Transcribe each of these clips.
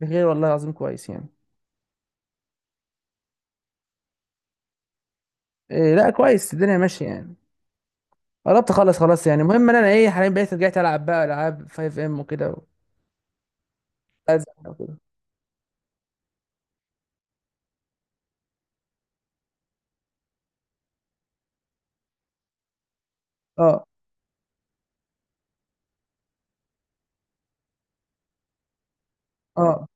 بخير والله العظيم، كويس يعني. إيه لا، كويس، الدنيا ماشيه يعني. قربت اخلص خلاص يعني. المهم ان انا ايه حاليا بقيت رجعت العب بقى العاب 5 ام وكده أزهق وكده. اه، اه.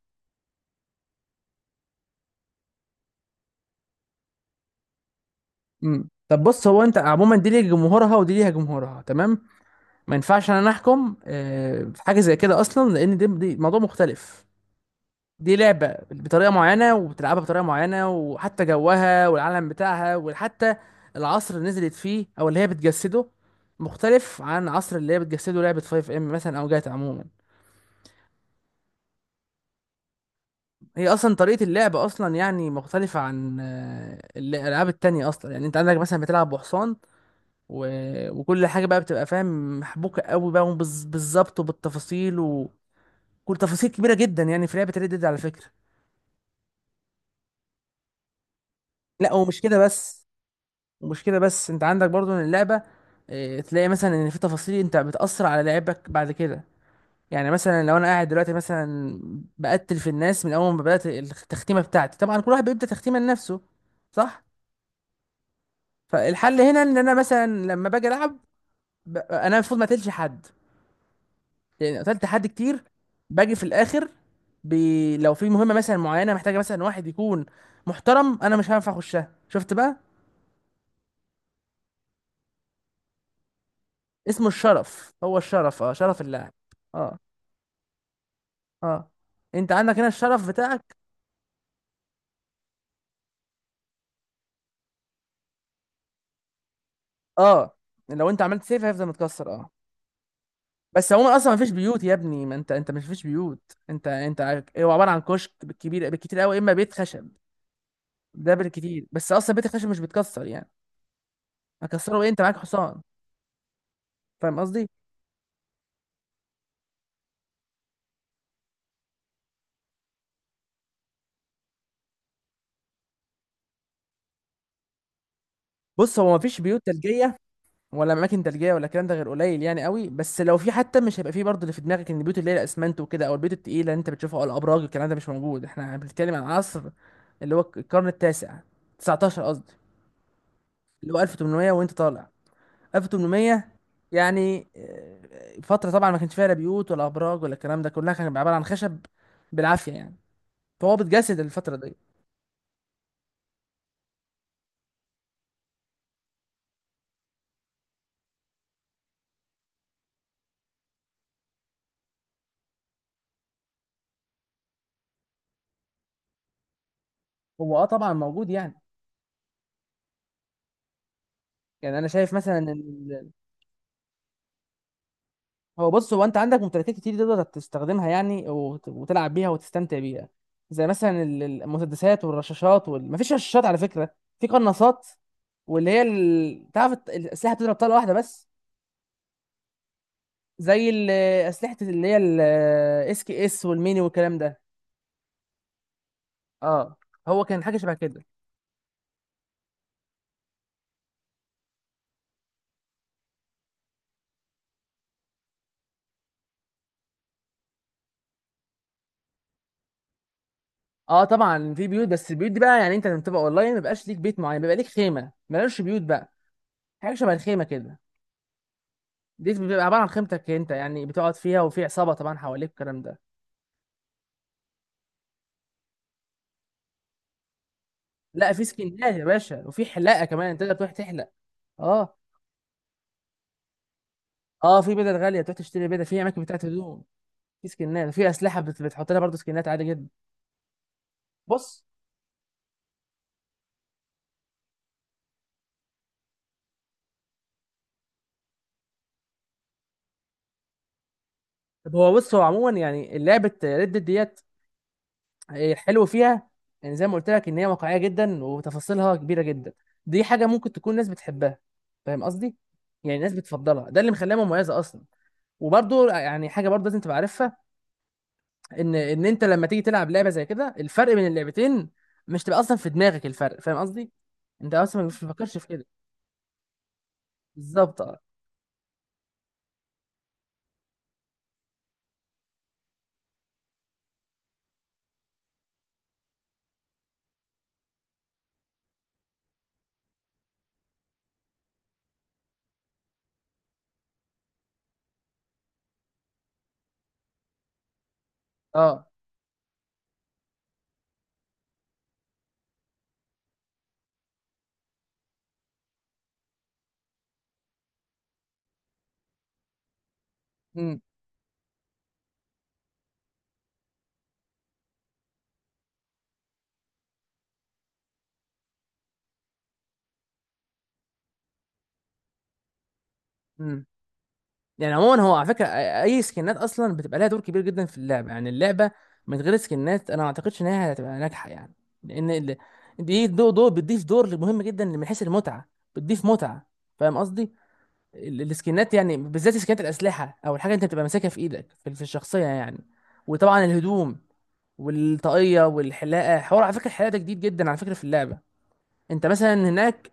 طب بص، هو انت عموما دي ليها جمهورها ودي ليها جمهورها تمام. ما ينفعش انا احكم في حاجه زي كده اصلا، لان دي موضوع مختلف. دي لعبة بطريقة معينة وبتلعبها بطريقة معينة، وحتى جوها والعالم بتاعها، وحتى العصر اللي نزلت فيه أو اللي هي بتجسده مختلف عن عصر اللي هي بتجسده لعبة 5 ام مثلا أو جاتا عموما. هي أصلا طريقة اللعب أصلا يعني مختلفة عن الألعاب التانية أصلا. يعني أنت عندك مثلا بتلعب بحصان و... وكل حاجة بقى بتبقى فاهم محبوكة قوي بقى بالظبط وبالتفاصيل، وكل تفاصيل كبيرة جدا يعني في لعبة ريد ديد على فكرة. لا ومش كده بس، ومش كده بس انت عندك برضو ان اللعبه اه، تلاقي مثلا ان في تفاصيل انت بتاثر على لعبك بعد كده. يعني مثلا لو انا قاعد دلوقتي مثلا بقتل في الناس من اول ما بدات التختيمه بتاعتي، طبعا كل واحد بيبدا تختيمه لنفسه. صح. فالحل هنا ان انا مثلا لما باجي العب، انا المفروض ما قتلش حد، لان قتلت حد كتير. باجي في الاخر، لو في مهمه مثلا معينه محتاجه مثلا واحد يكون محترم، انا مش هينفع اخشها. شفت بقى. اسمه الشرف، هو الشرف، اه، شرف اللاعب. اه. اه. انت عندك هنا الشرف بتاعك. اه. لو انت عملت سيف هيفضل متكسر، اه. بس عموما اصلا ما فيش بيوت يا ابني، ما انت مش فيش بيوت. انت هو عباره عن كشك، بالكبير بالكتير قوي اما بيت خشب. ده بالكتير، بس اصلا بيت الخشب مش بيتكسر يعني. هكسره ايه؟ انت معاك حصان. فاهم قصدي. بص، هو ما فيش بيوت ثلجيه ولا اماكن ثلجيه، ولا الكلام ده غير قليل يعني قوي، بس لو في حتى مش هيبقى فيه برضه اللي في دماغك ان البيوت اللي هي الاسمنت وكده او البيوت التقيله اللي انت بتشوفها او الابراج، الكلام ده مش موجود. احنا بنتكلم عن عصر اللي هو القرن التاسع 19، قصدي، اللي هو 1800 وانت طالع، 1800. يعني فترة طبعا ما كانش فيها لا بيوت ولا ابراج ولا الكلام ده، كلها كان عبارة عن خشب بالعافية يعني. فهو بتجسد الفترة دي. هو اه طبعا موجود يعني. يعني انا شايف مثلا ان هو بص، هو انت عندك ممتلكات كتير تقدر تستخدمها يعني وتلعب بيها وتستمتع بيها، زي مثلا المسدسات والرشاشات مفيش رشاشات على فكرة، في قناصات، واللي هي تعرف الاسلحة بتضرب طلقة واحدة بس. زي اسلحه اللي هي الاس كي اس والميني والكلام ده. اه. هو كان حاجه شبه كده. اه طبعا في بيوت، بس البيوت دي بقى يعني انت لما بتبقى اونلاين ما بيبقاش ليك بيت معين، بيبقى ليك خيمه، مالهاش بيوت بقى. حاجه شبه الخيمه كده. دي بتبقى عباره عن خيمتك انت يعني، بتقعد فيها وفي عصابه طبعا حواليك، الكلام ده. لا في سكنات يا باشا، وفي حلاقه كمان تقدر تروح تحلق. اه. اه في بدل غاليه، تروح تشتري بدل في اماكن بتاعت هدوم. في سكنات، في اسلحه بتحط لها برضه سكنات، عادي جدا. بص، طب هو بص، هو عموما يعني لعبه ريد ديت الحلو فيها، يعني زي ما قلت لك ان هي واقعيه جدا وتفاصيلها كبيره جدا، دي حاجه ممكن تكون ناس بتحبها. فاهم قصدي. يعني ناس بتفضلها، ده اللي مخليها مميزه اصلا. وبرضو يعني حاجه برضو لازم تبقى عارفها، ان انت لما تيجي تلعب لعبه زي كده الفرق بين اللعبتين مش تبقى اصلا في دماغك الفرق. فاهم قصدي. انت اصلا مش بتفكرش في كده. بالظبط اه. اه. امم يعني عموما هو على فكره، اي سكنات اصلا بتبقى لها دور كبير جدا في اللعبه، يعني اللعبه من غير سكنات انا ما اعتقدش ان هي هتبقى ناجحه يعني، لان دي دور بتضيف دور مهم جدا من حيث المتعه، بتضيف متعه. فاهم قصدي. السكنات يعني بالذات سكنات الاسلحه، او الحاجه انت بتبقى ماسكها في ايدك في الشخصيه يعني. وطبعا الهدوم والطاقيه والحلاقه. حوار على فكره الحلاقه ده جديد جدا على فكره في اللعبه. انت مثلا هناك،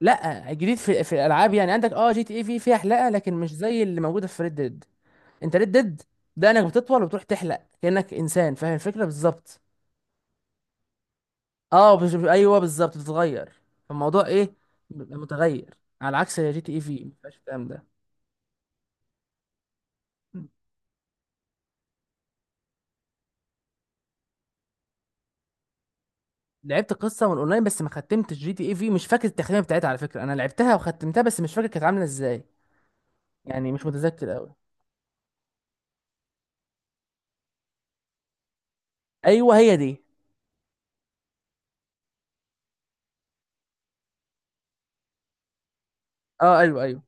لا جديد في الالعاب يعني، عندك اه جي تي اي في فيها حلاقه لكن مش زي اللي موجوده في ريد ديد. انت ريد ديد دقنك بتطول وبتروح تحلق كأنك انسان، فاهم الفكرة بالظبط. اه ايوه بالظبط بتتغير. فالموضوع ايه، بيبقى متغير، على عكس جي تي اي في ما فيهاش الكلام ده. لعبت قصة من اونلاين بس، ما ختمتش جي تي اي في، مش فاكر التختيمة بتاعتها على فكرة، انا لعبتها وختمتها بس مش فاكر كانت عاملة ازاي، يعني مش متذكر قوي. ايوه هي دي. اه ايوه ايوه.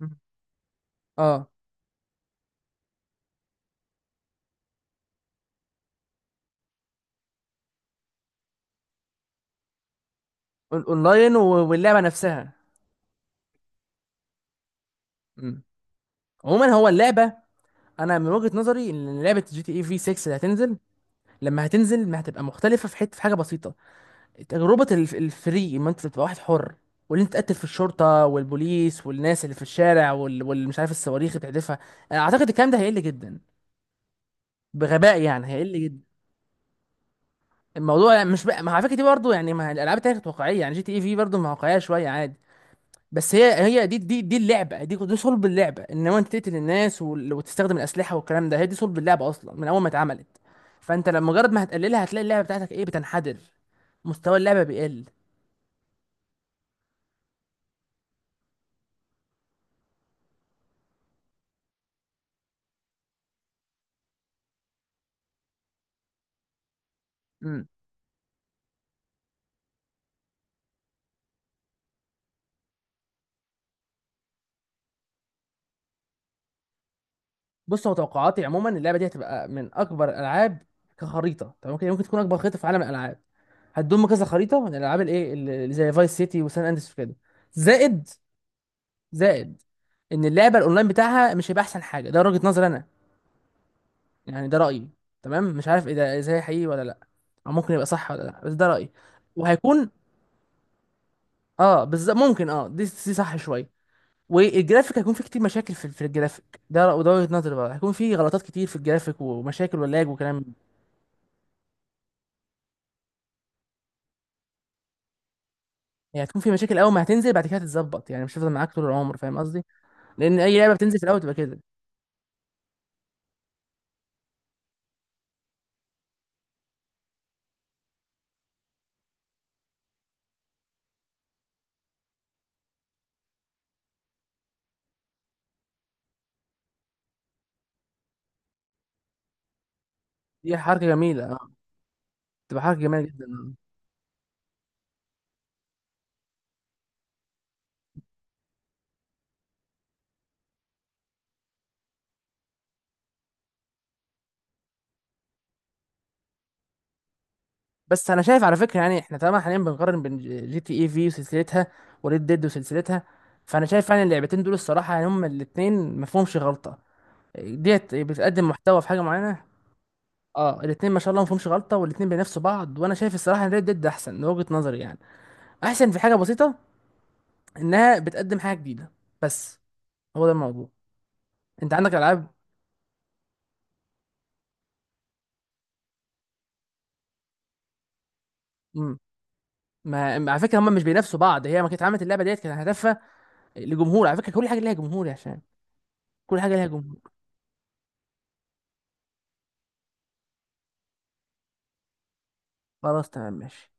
مم. اه اونلاين واللعبة نفسها. مم. عموما هو اللعبة، انا من وجهة نظري ان لعبة جي تي اي في 6 اللي هتنزل لما هتنزل ما هتبقى مختلفه في حته في حاجه بسيطه. تجربه الفري، ما انت تبقى واحد حر، واللي انت تقتل في الشرطه والبوليس والناس اللي في الشارع واللي مش عارف الصواريخ اللي بتحدفها، انا اعتقد الكلام ده هيقل جدا بغباء يعني، هيقل جدا. الموضوع مش بقى، ما على فكره دي برضه يعني، ما الالعاب التانية كانت واقعيه يعني، جي تي اي في برضه ما واقعيه شويه، عادي. بس هي دي اللعبه دي صلب اللعبه، ان هو انت تقتل الناس وتستخدم الاسلحه والكلام ده، هي دي صلب اللعبه اصلا من اول ما اتعملت. فانت لما مجرد ما هتقللها هتلاقي اللعبه بتاعتك ايه بتنحدر، مستوى اللعبه بيقل. امم بص، هو توقعاتي عموما اللعبه دي هتبقى من اكبر الالعاب كخريطه، طب ممكن ممكن تكون اكبر خريطه في عالم الالعاب. هتضم كذا خريطه من الالعاب الايه اللي زي فايس سيتي وسان اندرس وكده، زائد، زائد ان اللعبه الاونلاين بتاعها مش هيبقى احسن حاجه، ده وجهه نظري انا، يعني ده رايي. تمام، مش عارف ايه ده زي حقيقي ولا لا، او ممكن يبقى صح ولا لا، بس ده رايي. وهيكون، اه بالظبط ممكن، اه دي دي صح شويه. والجرافيك هيكون فيه كتير مشاكل في الجرافيك ده، وده وجهة نظري بقى، هيكون فيه غلطات كتير في الجرافيك ومشاكل ولاج وكلام. يعني هتكون فيه مشاكل اول ما هتنزل، بعد كده هتتظبط يعني، مش هتفضل معاك طول العمر، فاهم قصدي، لان اي لعبة بتنزل في الاول تبقى كده. دي حركة جميلة اه. تبقى حركة جميلة جدا آه. بس انا شايف على فكرة، يعني احنا طالما حاليا بنقارن بين جي تي اي في وسلسلتها وريد ديد وسلسلتها، فانا شايف فعلا اللعبتين دول الصراحة يعني هما الاتنين مفهومش غلطة، ديت بتقدم محتوى في حاجة معينة. اه الاثنين ما شاء الله ما فيهمش غلطه، والاثنين بينافسوا بعض، وانا شايف الصراحه ان ريد ديد احسن من وجهه نظري يعني، احسن في حاجه بسيطه، انها بتقدم حاجه جديده بس، هو ده الموضوع. انت عندك العاب. مم. على فكره هم مش بينافسوا بعض، هي ما كانت عملت اللعبه ديت كان هدفها لجمهور، على فكره كل حاجه ليها جمهور يا هشام. كل حاجه ليها جمهور. خلاص تمام ماشي.